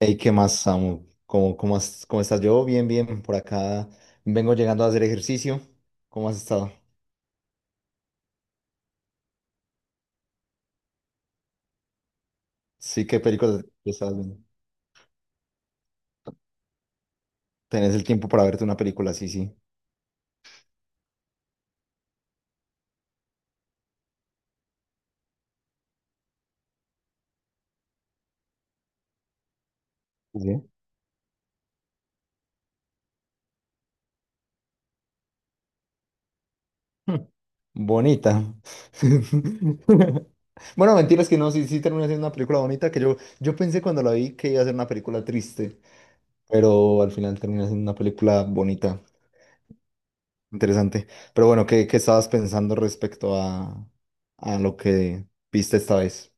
Hey, ¿qué más, Samu? Cómo estás? Yo bien, bien, por acá vengo llegando a hacer ejercicio. ¿Cómo has estado? Sí, ¿qué película te estás viendo? ¿Tenés el tiempo para verte una película? Sí, sí. Sí. Hmm, Bonita. Bueno, mentiras que no, sí, sí terminó siendo una película bonita, que yo pensé cuando la vi que iba a ser una película triste, pero al final termina siendo una película bonita, interesante. Pero bueno, ¿qué estabas pensando respecto a lo que viste esta vez?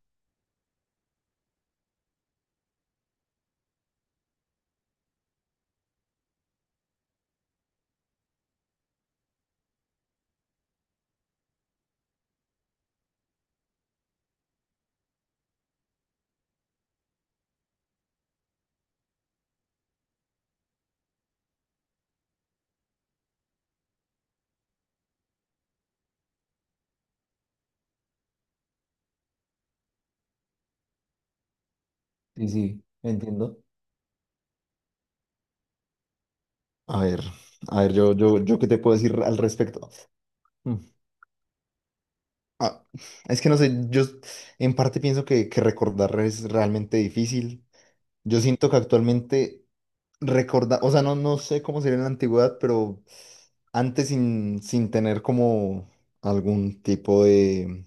Sí, sí, entiendo. A ver, a ver, yo qué te puedo decir al respecto. Mm, ah, es que no sé, yo en parte pienso que recordar es realmente difícil. Yo siento que actualmente recordar, o sea, no, no sé cómo sería en la antigüedad, pero antes sin tener como algún tipo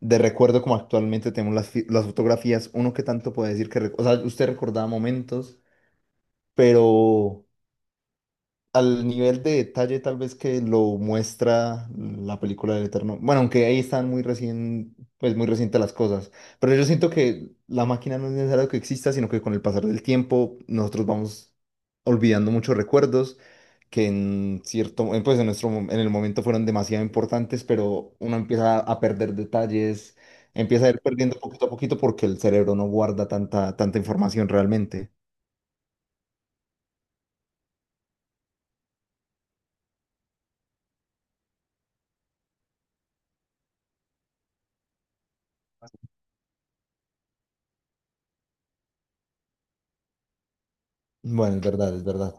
de recuerdo como actualmente tenemos las, las fotografías, uno que tanto puede decir que, o sea, usted recordaba momentos, pero al nivel de detalle tal vez que lo muestra la película del Eterno. Bueno, aunque ahí están muy recién, pues muy recientes las cosas. Pero yo siento que la máquina no es necesario que exista, sino que con el pasar del tiempo nosotros vamos olvidando muchos recuerdos que en cierto, en, pues en nuestro, en el momento fueron demasiado importantes, pero uno empieza a perder detalles, empieza a ir perdiendo poquito a poquito porque el cerebro no guarda tanta información realmente. Bueno, es verdad, es verdad.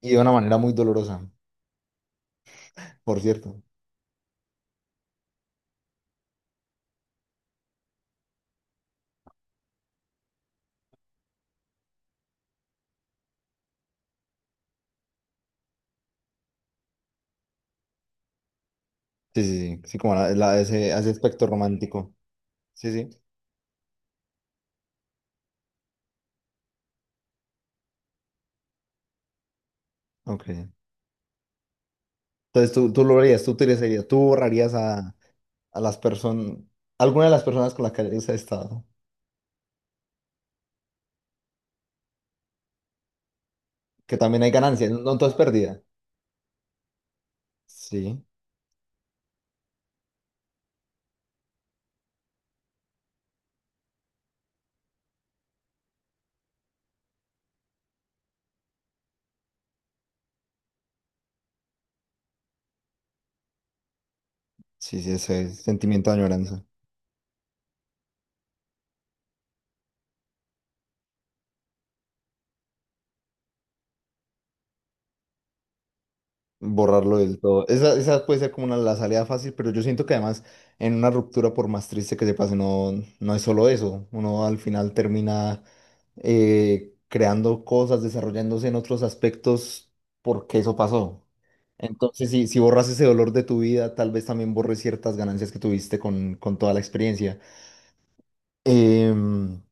Y de una manera muy dolorosa, por cierto. Sí, sí, sí, sí, como ese, ese aspecto romántico. Sí, sí, ok. Entonces tú lo harías, tú utilizarías, tú borrarías a las personas, alguna de las personas con las que hayas estado, que también hay ganancia, no, no todo es pérdida. Sí, sí, sí, ese es sentimiento de añoranza. Borrarlo del todo. Esa puede ser como una, la salida fácil, pero yo siento que además en una ruptura, por más triste que se pase, no, no es solo eso. Uno al final termina creando cosas, desarrollándose en otros aspectos porque eso pasó. Entonces, si borras ese dolor de tu vida, tal vez también borres ciertas ganancias que tuviste con toda la experiencia. Em,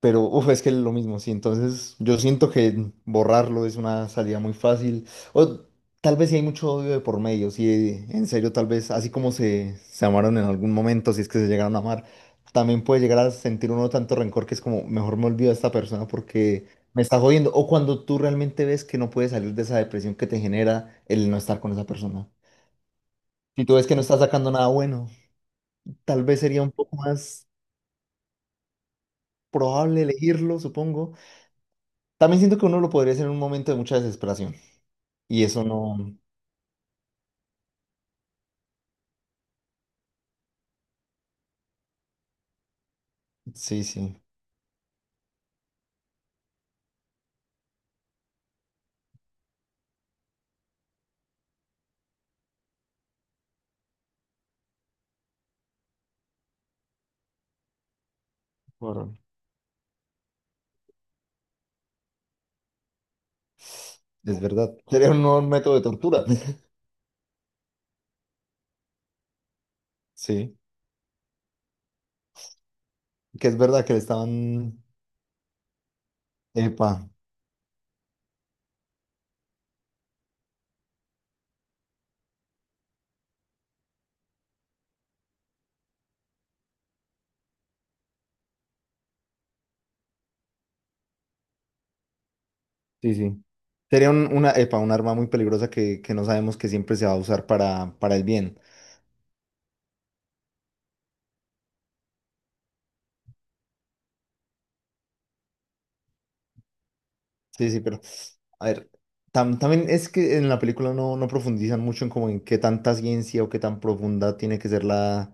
pero uf, es que es lo mismo, sí. Entonces, yo siento que borrarlo es una salida muy fácil. O tal vez si hay mucho odio de por medio, si en serio, tal vez, así como se amaron en algún momento, si es que se llegaron a amar, también puede llegar a sentir uno tanto rencor que es como, mejor me olvido de esta persona porque me está jodiendo. O cuando tú realmente ves que no puedes salir de esa depresión que te genera el no estar con esa persona. Si tú ves que no estás sacando nada bueno, tal vez sería un poco más probable elegirlo, supongo. También siento que uno lo podría hacer en un momento de mucha desesperación. Y eso no. Sí, sí. por- Es verdad. Sería un nuevo método de tortura. Sí. Que es verdad que le estaban. Epa. Sí, sí. Sería una, epa, un arma muy peligrosa que no sabemos que siempre se va a usar para el bien. Sí, sí, pero. A ver, también es que en la película no, no profundizan mucho en como en qué tanta ciencia o qué tan profunda tiene que ser la,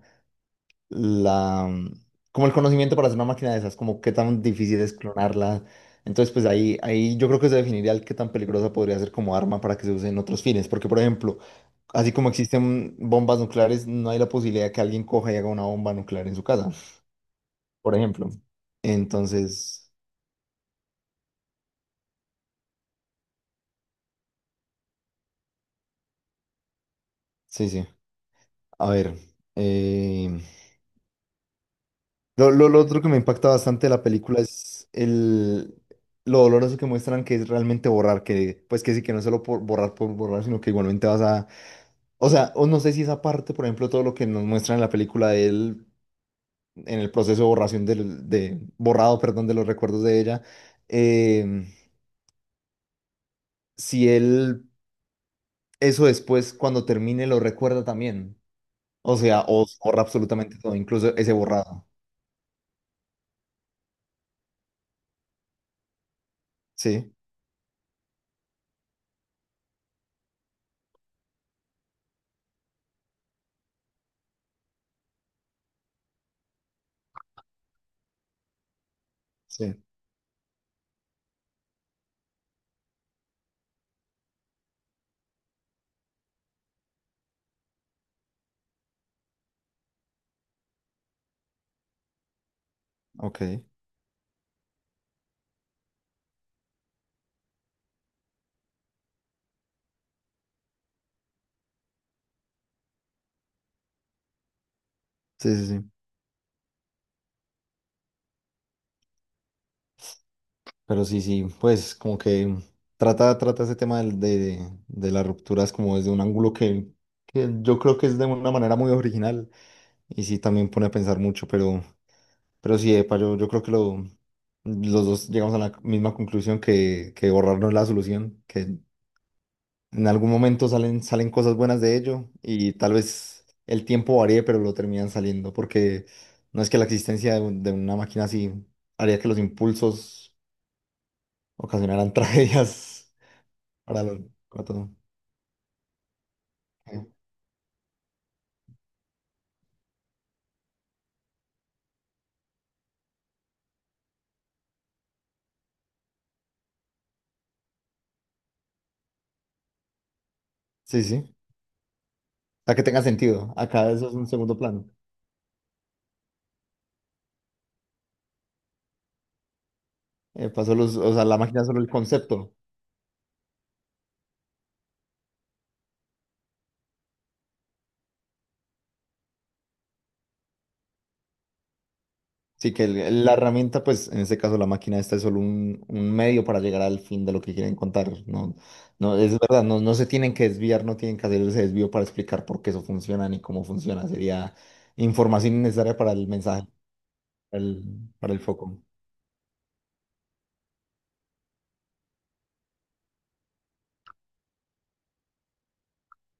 la, como el conocimiento para hacer una máquina de esas, como qué tan difícil es clonarla. Entonces, pues ahí, ahí yo creo que se definiría el qué tan peligrosa podría ser como arma para que se use en otros fines. Porque, por ejemplo, así como existen bombas nucleares, no hay la posibilidad que alguien coja y haga una bomba nuclear en su casa, por ejemplo. Entonces, sí, sí. A ver, eh, lo, lo otro que me impacta bastante de la película es el, lo doloroso que muestran que es realmente borrar, que pues que sí, que no es solo por borrar, sino que igualmente vas a O sea, o no sé si esa parte, por ejemplo, todo lo que nos muestran en la película de él, en el proceso de borración del, de borrado, perdón, de los recuerdos de ella, eh, si él eso después, cuando termine, lo recuerda también. O sea, o borra absolutamente todo, incluso ese borrado. Sí, sí, ok. Sí, sí, sí. Pero sí, sí, pues como que trata ese tema de las rupturas como desde un ángulo que yo creo que es de una manera muy original y sí también pone a pensar mucho, pero sí, epa, yo creo que lo, los dos llegamos a la misma conclusión que borrar no es la solución, que en algún momento salen cosas buenas de ello y tal vez el tiempo varíe, pero lo terminan saliendo, porque no es que la existencia de, de una máquina así haría que los impulsos ocasionaran tragedias para los cuatro. Eh, Sí, sí. O sea, que tenga sentido. Acá eso es un segundo plano. Pasó los, o sea, la máquina es solo el concepto. Sí, que la herramienta, pues en este caso la máquina esta es solo un medio para llegar al fin de lo que quieren contar. No, no, es verdad, no, no se tienen que desviar, no tienen que hacer ese desvío para explicar por qué eso funciona ni cómo funciona. Sería información innecesaria para el mensaje, para el, para el foco.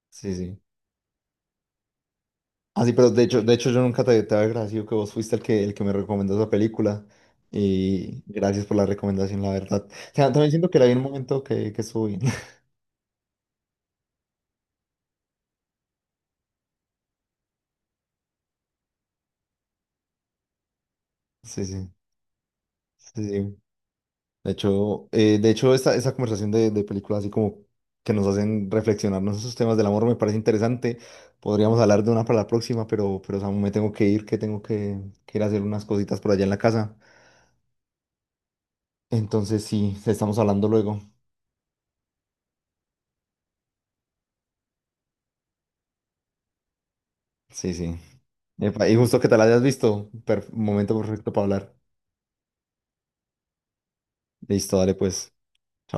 Sí, sí. Ah, sí, pero de hecho yo nunca te había agradecido que vos fuiste el que me recomendó esa película. Y gracias por la recomendación, la verdad. O sea, también siento que la vi en un momento que estuvo bien. Sí, sí, sí, sí. De hecho esa conversación de películas así como que nos hacen reflexionarnos esos temas del amor me parece interesante. Podríamos hablar de una para la próxima, pero Samu, me tengo que ir, que tengo que ir a hacer unas cositas por allá en la casa. Entonces, sí, estamos hablando luego. Sí, sí. Epa, y justo que te la hayas visto. Momento perfecto para hablar. Listo, dale pues. Chao.